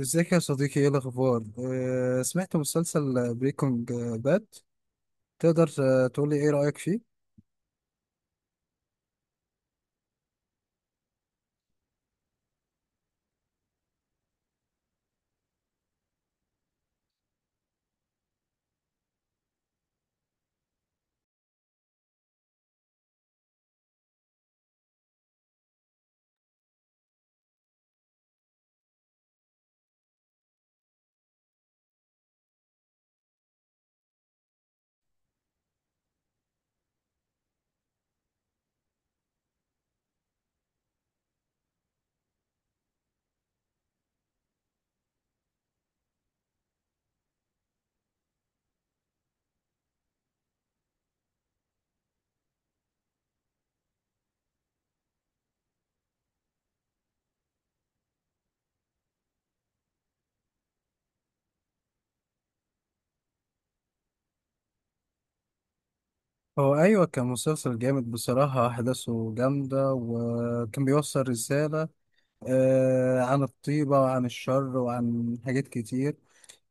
ازيك يا صديقي، ايه الاخبار؟ سمعت مسلسل بريكنج باد. تقدر تقولي ايه رأيك فيه؟ هو ايوه، كان مسلسل جامد بصراحة، احداثه جامدة وكان بيوصل رسالة عن الطيبة وعن الشر وعن حاجات كتير.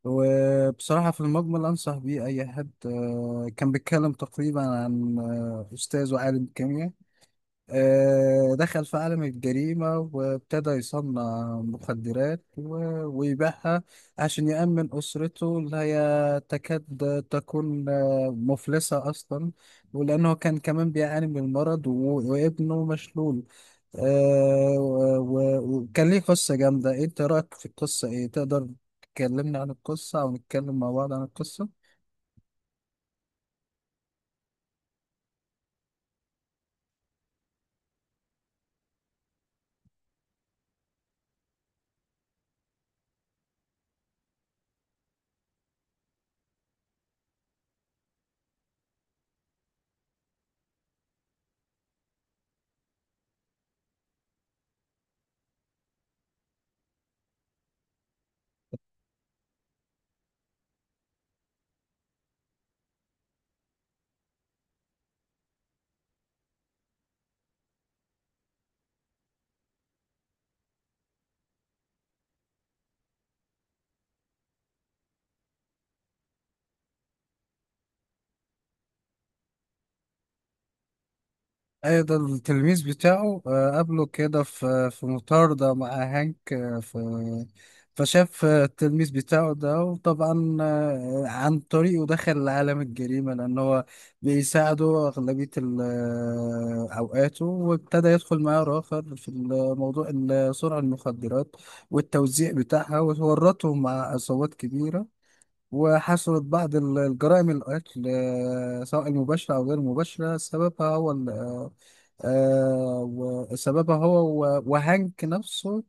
وبصراحة في المجمل أنصح بيه أي حد. كان بيتكلم تقريبا عن أستاذ وعالم كيمياء، دخل في عالم الجريمة وابتدى يصنع مخدرات ويبيعها عشان يأمن أسرته اللي هي تكاد تكون مفلسة أصلا، ولأنه كان كمان بيعاني من المرض وابنه مشلول، وكان ليه قصة جامدة. إيه أنت رأيك في القصة؟ إيه تقدر تكلمني عن القصة أو نتكلم مع بعض عن القصة؟ ايوه، ده التلميذ بتاعه، قابله كده في مطاردة مع هانك، آه، في فشاف التلميذ بتاعه ده، وطبعا عن طريقه دخل لعالم الجريمة لأن هو بيساعده أغلبية أوقاته، وابتدى يدخل معاه آخر في موضوع سرعة المخدرات والتوزيع بتاعها، وورطهم مع عصابات كبيرة. وحصلت بعض الجرائم القتل، سواء المباشرة أو غير المباشرة، سببها هو و- وهانك نفسه.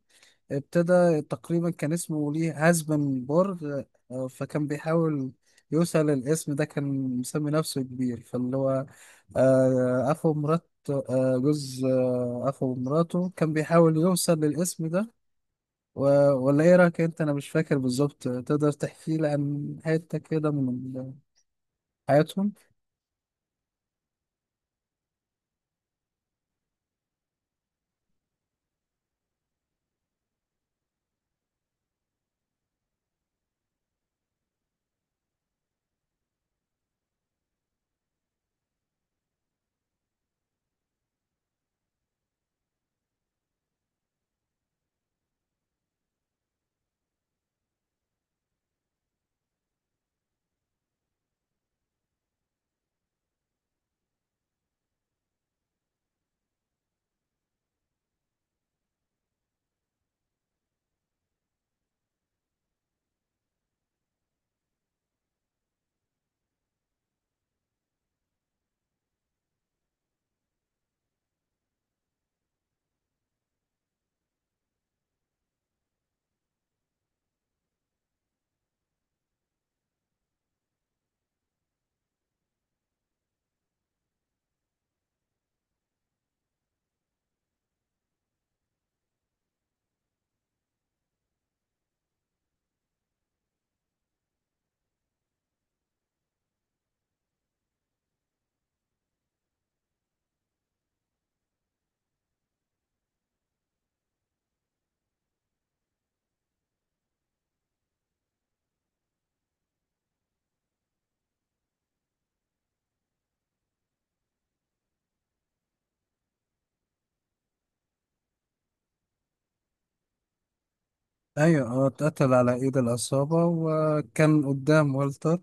ابتدى تقريبا كان اسمه ليه هازبنبرغ، فكان بيحاول يوصل الاسم ده، كان مسمي نفسه كبير، فاللي هو آه، أخو مرات آه، جوز آه، أخو مراته كان بيحاول يوصل للاسم ده. و... ولا ايه رايك انت، انا مش فاكر بالظبط، تقدر تحكي لي عن حته كده من حياتهم؟ ايوه، هو اتقتل على ايد العصابه وكان قدام والتر.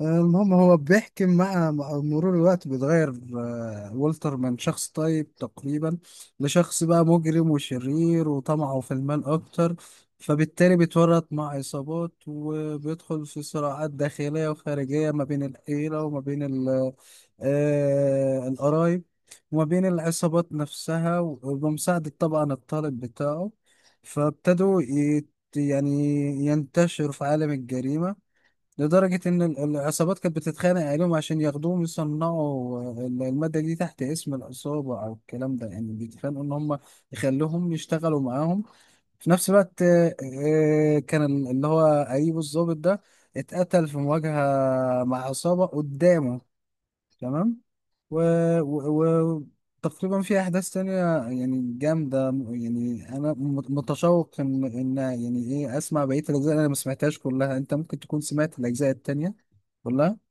المهم، هو بيحكي مع مرور الوقت بيتغير. والتر من شخص طيب تقريبا لشخص بقى مجرم وشرير وطمعه في المال أكتر، فبالتالي بيتورط مع عصابات وبيدخل في صراعات داخلية وخارجية ما بين العيلة وما بين القرايب، وما بين العصابات نفسها، وبمساعدة طبعا الطالب بتاعه، فابتدوا يعني ينتشر في عالم الجريمة، لدرجة إن العصابات كانت بتتخانق عليهم عشان ياخدوهم يصنعوا المادة دي تحت اسم العصابة أو الكلام ده، يعني بيتخانقوا إن هم يخلوهم يشتغلوا معاهم. في نفس الوقت كان اللي هو قريبه الضابط ده اتقتل في مواجهة مع عصابة قدامه. تمام. و... و... و... تقريبا في احداث تانية، يعني جامدة، يعني انا متشوق ان يعني ايه اسمع بقية الاجزاء اللي انا ما سمعتهاش كلها. انت ممكن تكون سمعت الاجزاء التانية كلها؟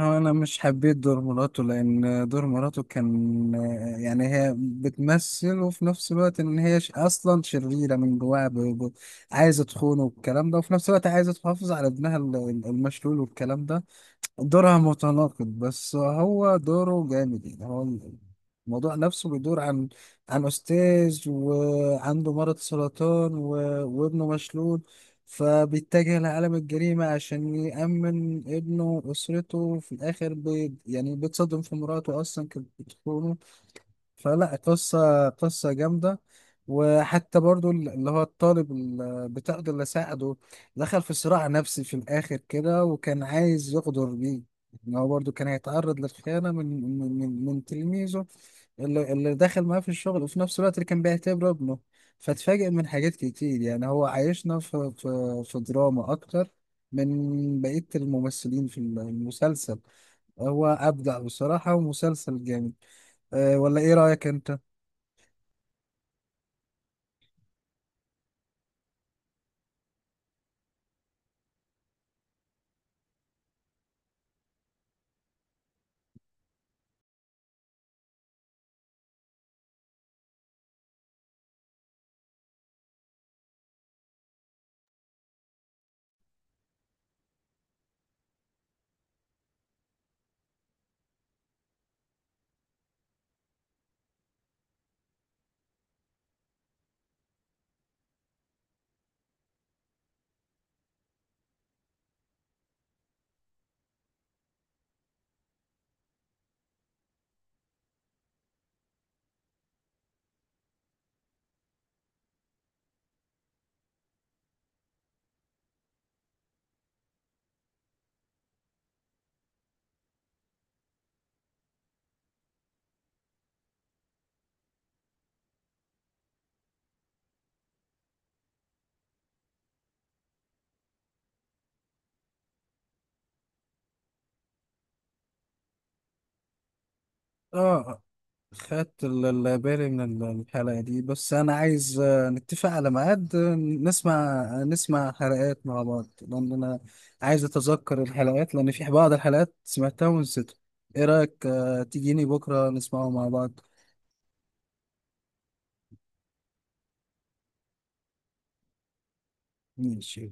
هو انا مش حبيت دور مراته، لان دور مراته كان، يعني هي بتمثل، وفي نفس الوقت ان هي اصلا شريرة من جواها، عايزة تخونه والكلام ده، وفي نفس الوقت عايزة تحافظ على ابنها المشلول والكلام ده. دورها متناقض، بس هو دوره جامد، يعني هو الموضوع نفسه بيدور عن أستاذ وعنده مرض سرطان وابنه مشلول، فبيتجه لعالم الجريمة عشان يأمن ابنه وأسرته. في الآخر يعني بيتصدم في مراته أصلا كانت بتخونه. فلا، قصة قصة جامدة. وحتى برضو اللي هو الطالب بتاعه ده اللي ساعده، دخل في صراع نفسي في الآخر كده، وكان عايز يغدر بيه، إن هو برضو كان هيتعرض للخيانة من تلميذه، اللي دخل معاه في الشغل وفي نفس الوقت اللي كان بيعتبره ابنه. فاتفاجئ من حاجات كتير، يعني هو عايشنا في دراما أكتر من بقية الممثلين في المسلسل. هو أبدع بصراحة ومسلسل جامد. أه، ولا إيه رأيك أنت؟ اه. خدت بالي من الحلقة دي، بس أنا عايز نتفق على ميعاد، نسمع حلقات مع بعض، لأن أنا عايز أتذكر الحلقات، لأن في بعض الحلقات سمعتها ونسيتها. إيه رأيك تجيني بكرة نسمعه مع بعض؟ ماشي.